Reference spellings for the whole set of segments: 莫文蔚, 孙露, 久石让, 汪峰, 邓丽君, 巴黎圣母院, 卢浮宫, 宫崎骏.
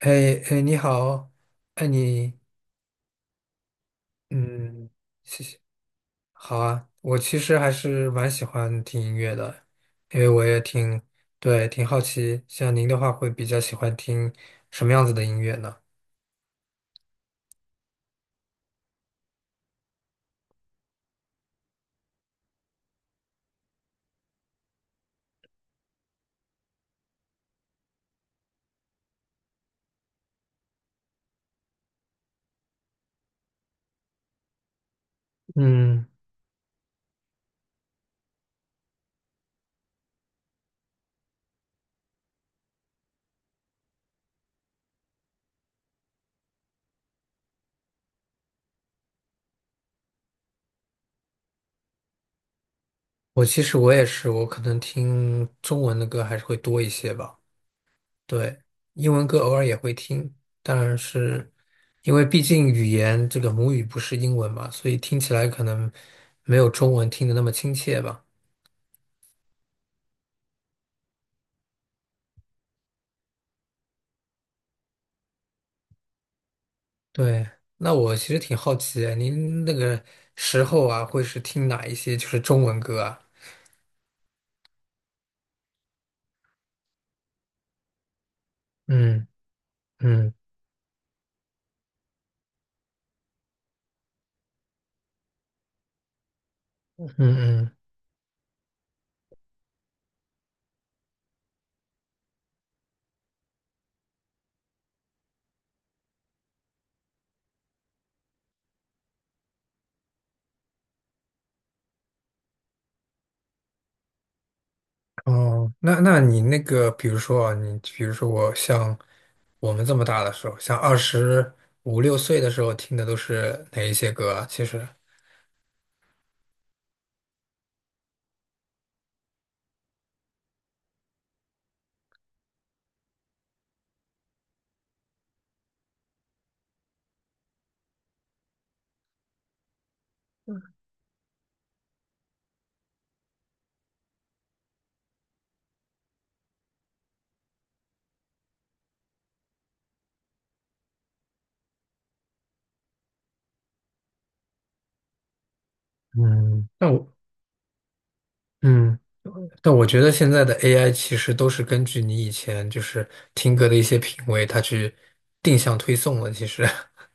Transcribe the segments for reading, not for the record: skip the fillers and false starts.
哎哎，你好。哎你，嗯，谢谢。好啊，我其实还是蛮喜欢听音乐的，因为我也挺，对，挺好奇，像您的话会比较喜欢听什么样子的音乐呢？嗯，我其实我也是，我可能听中文的歌还是会多一些吧。对，英文歌偶尔也会听，但是因为毕竟语言这个母语不是英文嘛，所以听起来可能没有中文听的那么亲切吧。对，那我其实挺好奇，您那个时候啊，会是听哪一些就是中文歌啊？嗯嗯嗯嗯，哦，那你那个，比如说啊，你比如说我像我们这么大的时候，像二十五六岁的时候听的都是哪一些歌啊？其实，嗯，那我嗯，但我觉得现在的 AI 其实都是根据你以前就是听歌的一些品味，它去定向推送了。其实，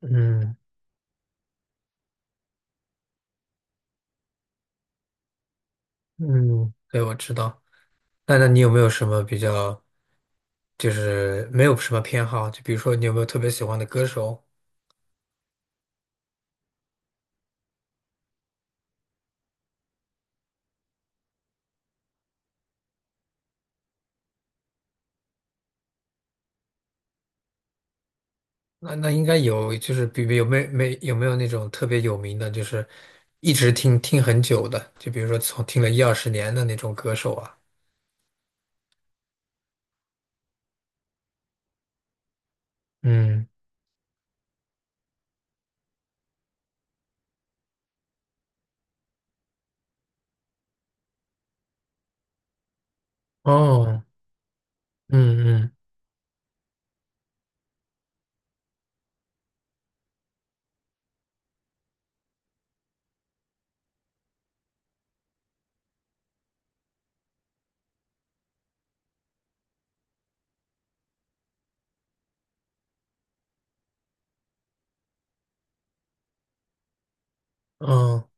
嗯嗯，对，我知道。那你有没有什么比较，就是没有什么偏好？就比如说你有没有特别喜欢的歌手？那应该有，就是比有没有没有那种特别有名的，就是一直听很久的，就比如说从听了一二十年的那种歌手啊。嗯，哦，嗯嗯，哦，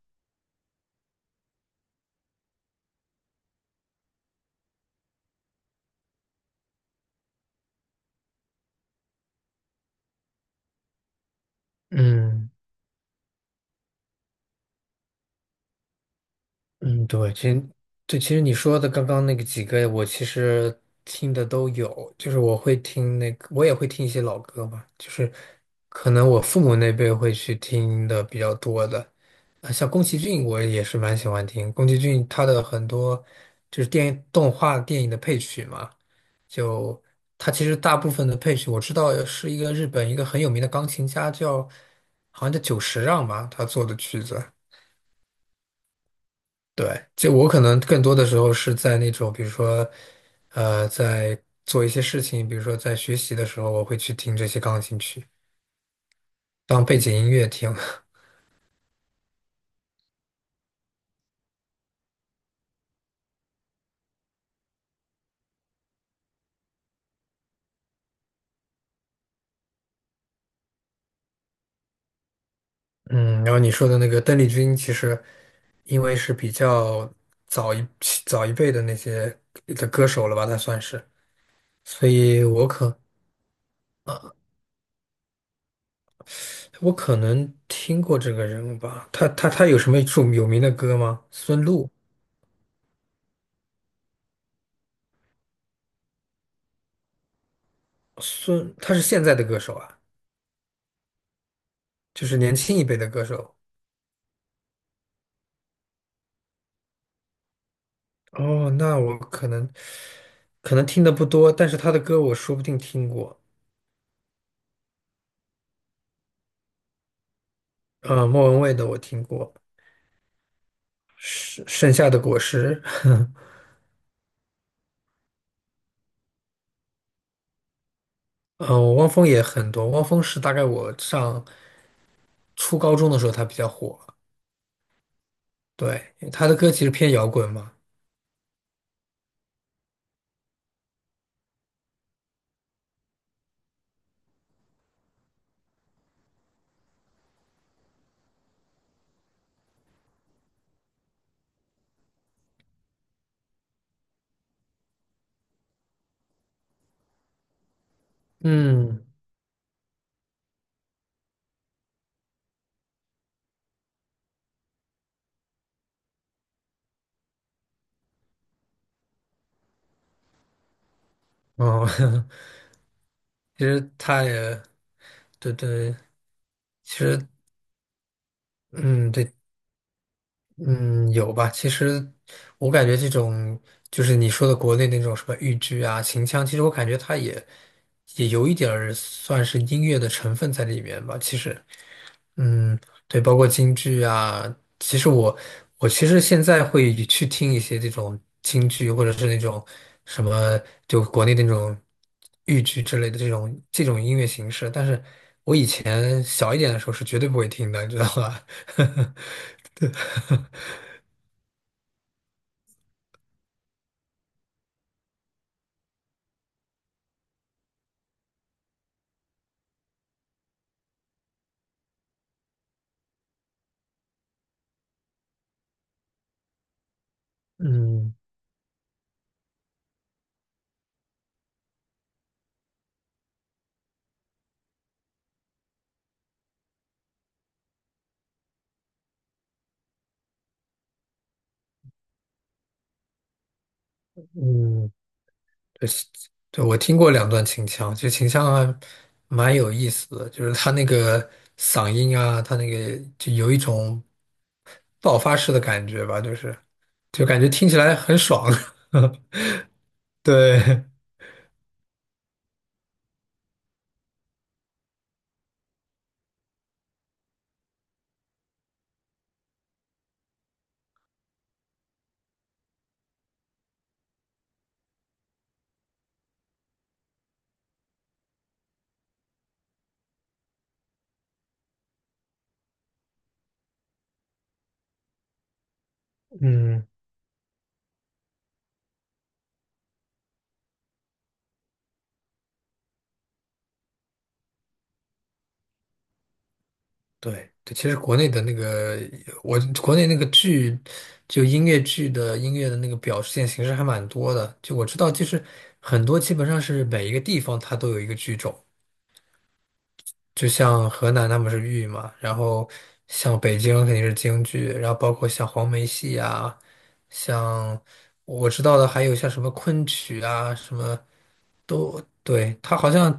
嗯。嗯，对，其实对，其实你说的刚刚那个几个，我其实听的都有，就是我会听那个，我也会听一些老歌嘛，就是可能我父母那辈会去听的比较多的。啊，像宫崎骏，我也是蛮喜欢听宫崎骏他的很多就是电影动画电影的配曲嘛。就他其实大部分的配曲，我知道是一个日本一个很有名的钢琴家叫好像叫久石让吧，他做的曲子。对，就我可能更多的时候是在那种，比如说，在做一些事情，比如说在学习的时候，我会去听这些钢琴曲当背景音乐听。嗯，然后你说的那个邓丽君，其实因为是比较早一早一辈的那些的歌手了吧，她算是，所以我可我可能听过这个人物吧。他有什么著有名的歌吗？孙露，孙，他是现在的歌手啊，就是年轻一辈的歌手。哦，那我可能听的不多，但是他的歌我说不定听过。啊、莫文蔚的我听过，是《盛夏的果实》嗯、汪峰也很多。汪峰是大概我上初高中的时候他比较火。对，他的歌其实偏摇滚嘛。嗯，哦，其实他也对对，其实嗯，对。嗯，有吧？其实我感觉这种就是你说的国内那种什么豫剧啊、秦腔，其实我感觉它也也有一点儿算是音乐的成分在里面吧。其实，嗯，对，包括京剧啊。其实我我其实现在会去听一些这种京剧，或者是那种什么就国内那种豫剧之类的这种这种音乐形式，但是以前小一点的时候是绝对不会听的，你知道吧？对。嗯嗯，对，是对，我听过两段秦腔，其实秦腔还蛮有意思的，就是他那个嗓音啊，他那个就有一种爆发式的感觉吧，就是就感觉听起来很爽。对，嗯，对对，其实国内的那个我国内那个剧，就音乐剧的音乐的那个表现形式还蛮多的，就我知道，就是很多基本上是每一个地方它都有一个剧种。就像河南他们是豫嘛，然后像北京肯定是京剧，然后包括像黄梅戏啊，像我知道的还有像什么昆曲啊，什么，对，他好像，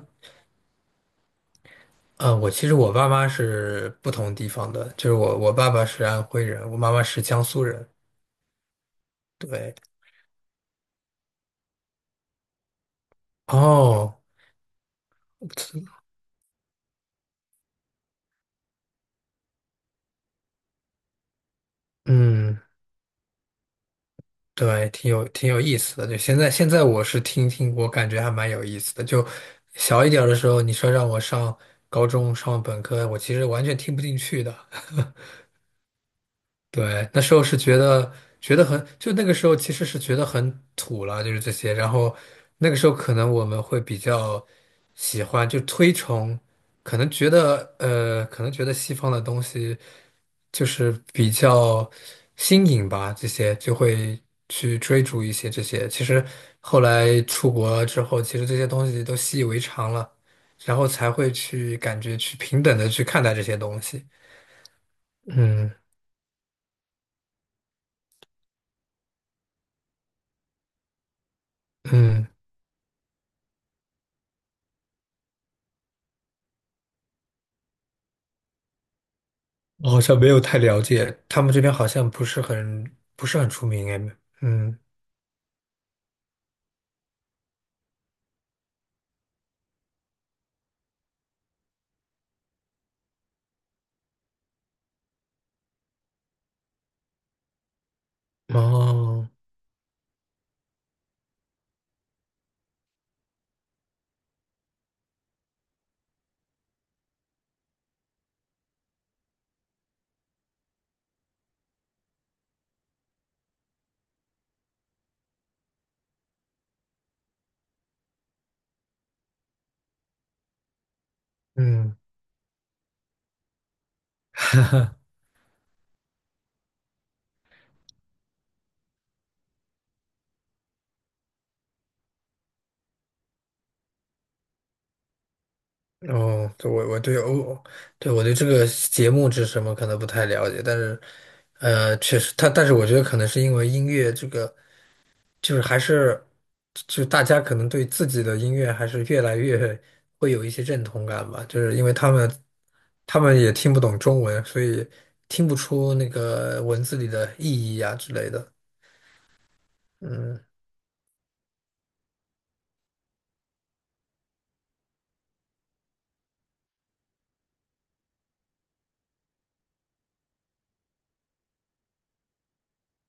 嗯，我其实我爸妈是不同地方的，就是我爸爸是安徽人，我妈妈是江苏人。对，哦，嗯。对，挺有挺有意思的。就现在，现在我是听听，我感觉还蛮有意思的。就小一点儿的时候，你说让我上高中、上本科，我其实完全听不进去的。对，那时候是觉得觉得很，就那个时候其实是觉得很土了，就是这些。然后那个时候可能我们会比较喜欢，就推崇，可能觉得可能觉得西方的东西就是比较新颖吧，这些就会去追逐一些这些。其实后来出国之后，其实这些东西都习以为常了，然后才会去感觉去平等的去看待这些东西。嗯嗯。我好像没有太了解，他们这边好像不是很不是很出名哎。嗯，哦，嗯，哦，对，我我对哦，对我对这个节目是什么可能不太了解，但是确实，他但是我觉得可能是因为音乐这个就是还是就大家可能对自己的音乐还是越来越会有一些认同感吧，就是因为他们他们也听不懂中文，所以听不出那个文字里的意义啊之类的。嗯。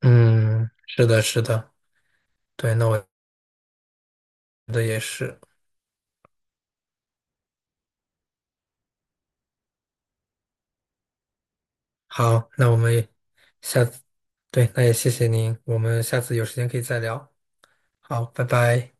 嗯，是的，是的，对，那我觉得也是。好，那我们下次，对，那也谢谢您，我们下次有时间可以再聊。好，拜拜。